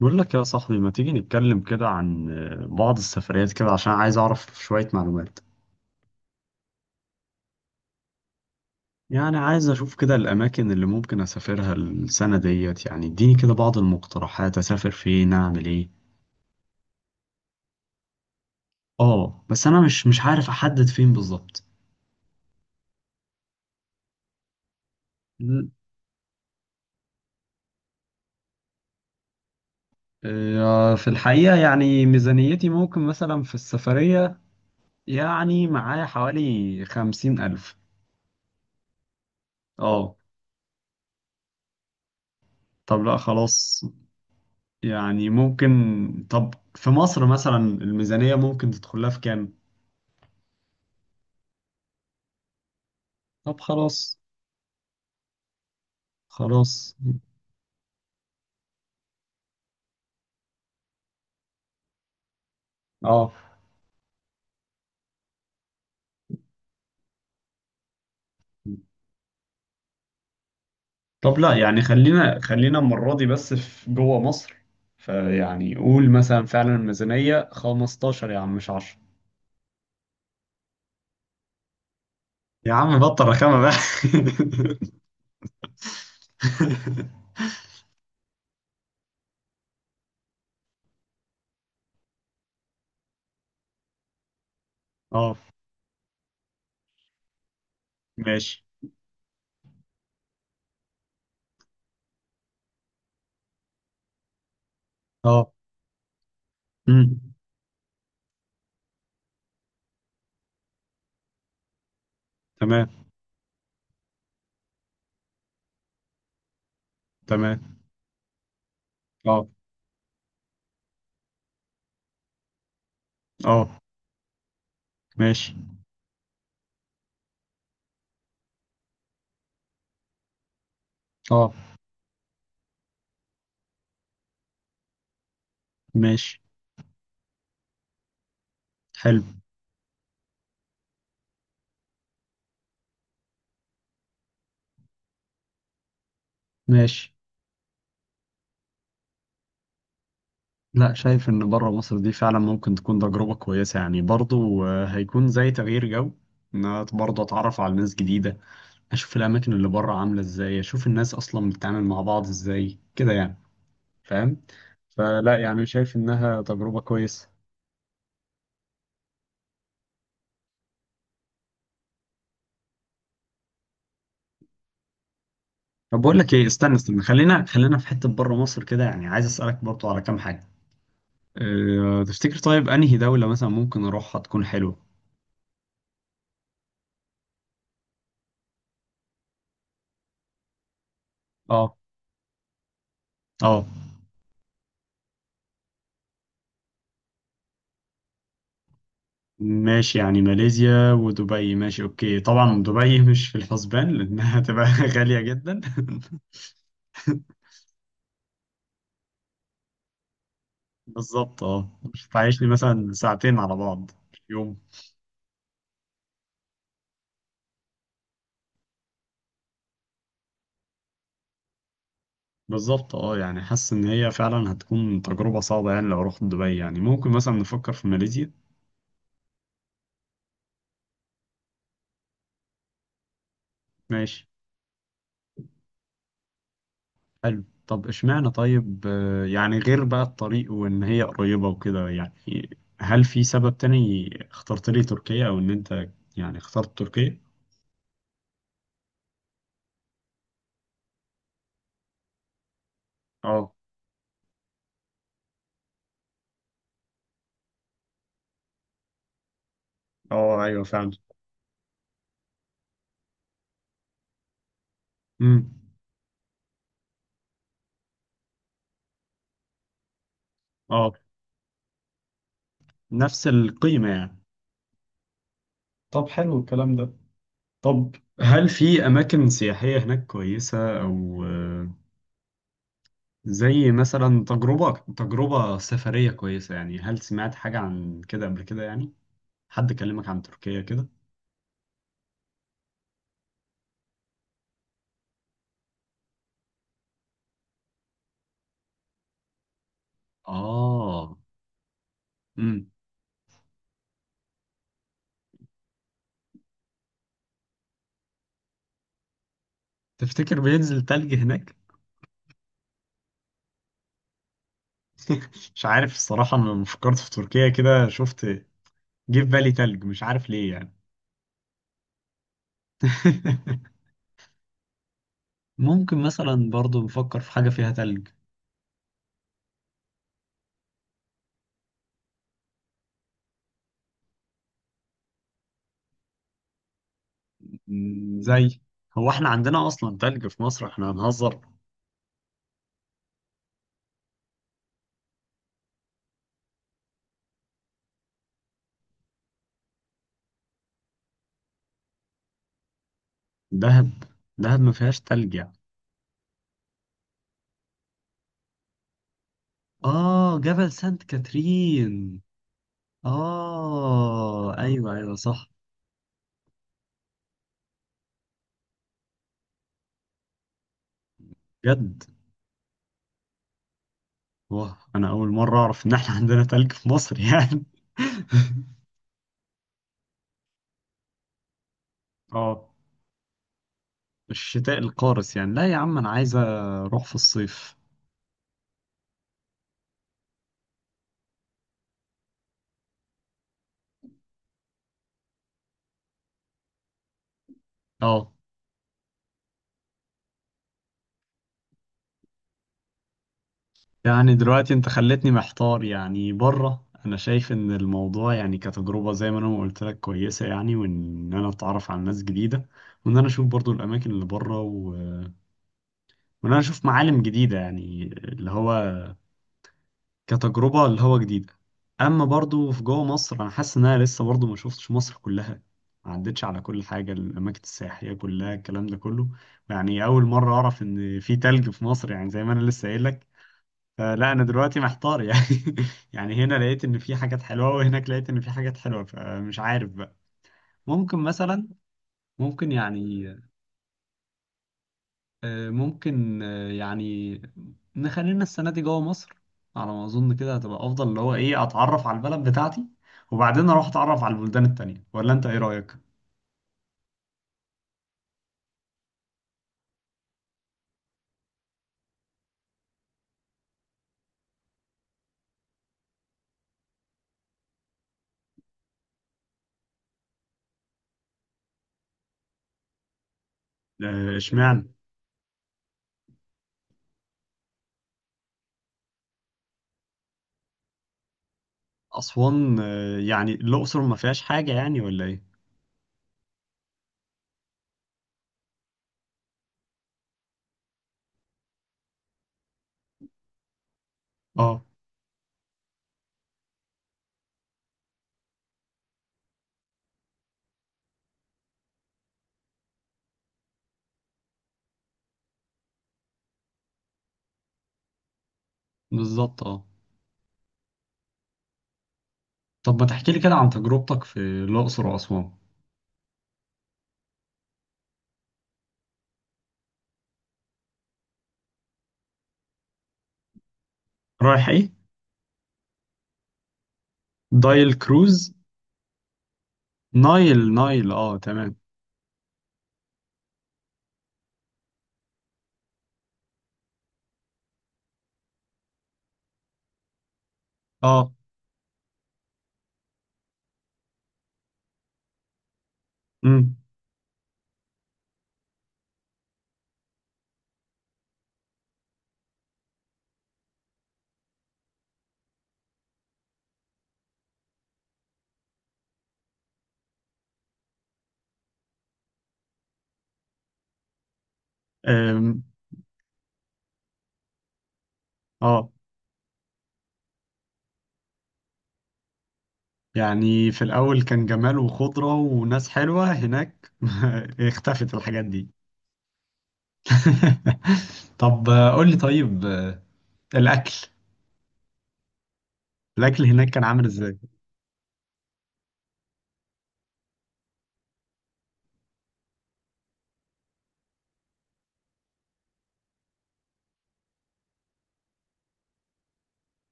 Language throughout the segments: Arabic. بقول لك يا صاحبي ما تيجي نتكلم كده عن بعض السفريات كده عشان عايز أعرف شوية معلومات. يعني عايز أشوف كده الأماكن اللي ممكن أسافرها السنة ديت، يعني اديني كده بعض المقترحات، أسافر فين، أعمل إيه. آه، بس أنا مش عارف أحدد فين بالظبط. ل- في الحقيقة يعني ميزانيتي ممكن مثلا في السفرية، يعني معايا حوالي خمسين ألف. آه. طب لا خلاص، يعني ممكن. طب في مصر مثلا الميزانية ممكن تدخلها في كام؟ طب خلاص. خلاص. اه. طب لا يعني خلينا خلينا المرة دي بس في جوه مصر. فيعني قول مثلا فعلا الميزانية 15 يا عم مش 10. يا عم بطل رخامة بقى. اه، ماشي. اه. امم. تمام. تمام. اه. اه. ماشي. اه. ماشي. حلو. ماشي. لا، شايف ان بره مصر دي فعلا ممكن تكون تجربة كويسة يعني، برضو هيكون زي تغيير جو، ان انا برضه اتعرف على ناس جديدة، اشوف الاماكن اللي بره عاملة ازاي، اشوف الناس اصلا بتتعامل مع بعض ازاي كده يعني، فاهم؟ فلا، يعني شايف انها تجربة كويسة. طب بقول لك ايه، استنى استنى، خلينا خلينا في حتة بره مصر كده، يعني عايز اسألك برضو على كام حاجة. أه، تفتكر طيب انهي دولة مثلا ممكن اروحها تكون حلوة؟ اه. اه. ماشي، يعني ماليزيا ودبي، ماشي اوكي. طبعا دبي مش في الحسبان لانها هتبقى غالية جدا. بالظبط، اه، مش هتعيش لي مثلا ساعتين على بعض في يوم. بالظبط، اه، يعني حاسس ان هي فعلا هتكون تجربة صعبة، يعني لو رحت دبي، يعني ممكن مثلا نفكر في ماليزيا. ماشي، حلو. طب اشمعنى طيب، يعني غير بقى الطريق وان هي قريبة وكده، يعني هل في سبب تاني اخترت لي تركيا، او ان انت يعني اخترت تركيا؟ اه. اه، ايوه فعلا. امم. اه. نفس القيمة يعني. طب حلو الكلام ده. طب هل في أماكن سياحية هناك كويسة، أو زي مثلا تجربة، تجربة سفرية كويسة، يعني هل سمعت حاجة عن كده قبل كده، يعني حد كلمك عن تركيا كده؟ آه. امم. تفتكر بينزل تلج هناك؟ مش عارف الصراحة، أنا لما فكرت في تركيا كده شفت، جه في بالي تلج، مش عارف ليه يعني. ممكن مثلا برضو نفكر في حاجة فيها تلج. زي، هو احنا عندنا اصلا تلج في مصر؟ احنا هنهزر. دهب؟ دهب ما فيهاش تلج يعني. اه، جبل سانت كاترين. اه، ايوه، ايوه صح. جد؟ واه، انا اول مره اعرف ان احنا عندنا تلج في مصر يعني. اه. الشتاء القارس يعني، لا يا عم انا عايز اروح في الصيف. اه، يعني دلوقتي انت خلتني محتار، يعني بره انا شايف ان الموضوع يعني كتجربة زي ما انا ما قلت لك كويسة، يعني وان انا اتعرف على ناس جديدة، وان انا اشوف برضو الاماكن اللي بره، وان انا اشوف معالم جديدة، يعني اللي هو كتجربة اللي هو جديدة. اما برضو في جوه مصر انا حاسس ان انا لسه برضو ما شفتش مصر كلها، ما عدتش على كل حاجة، الأماكن السياحية كلها الكلام ده كله، يعني أول مرة أعرف إن في تلج في مصر يعني، زي ما أنا لسه قايل لك. فلا انا دلوقتي محتار يعني. يعني هنا لقيت ان في حاجات حلوه، وهناك لقيت ان في حاجات حلوه، فمش عارف بقى. ممكن مثلا، ممكن يعني، ممكن يعني نخلينا السنه دي جوه مصر، على ما اظن كده هتبقى افضل، اللي هو ايه، اتعرف على البلد بتاعتي وبعدين اروح اتعرف على البلدان التانية، ولا انت ايه رايك؟ اشمعنى اسوان؟ يعني الاقصر ما فيهاش حاجه يعني ولا ايه؟ اه. بالظبط، اه. طب ما تحكي لي كده عن تجربتك في الاقصر واسوان. رايح ايه؟ دايل كروز؟ نايل نايل، اه، تمام. اه. امم. أم. اه، يعني في الأول كان جمال وخضرة وناس حلوة هناك. اختفت الحاجات دي. طب قول لي طيب، الأكل، الأكل هناك كان عامل ازاي؟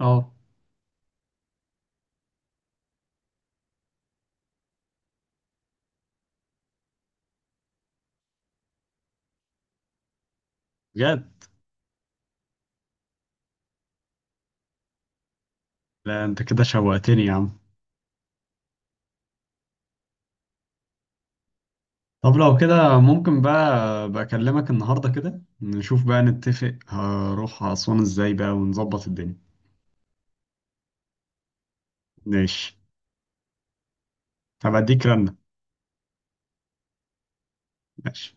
اه، بجد؟ لا انت كده شوقتني يا عم. طب لو كده ممكن بقى، بكلمك النهاردة كده، نشوف بقى، نتفق هروح أسوان ازاي بقى ونظبط الدنيا. ماشي. هبقى اديك رنة. ماشي.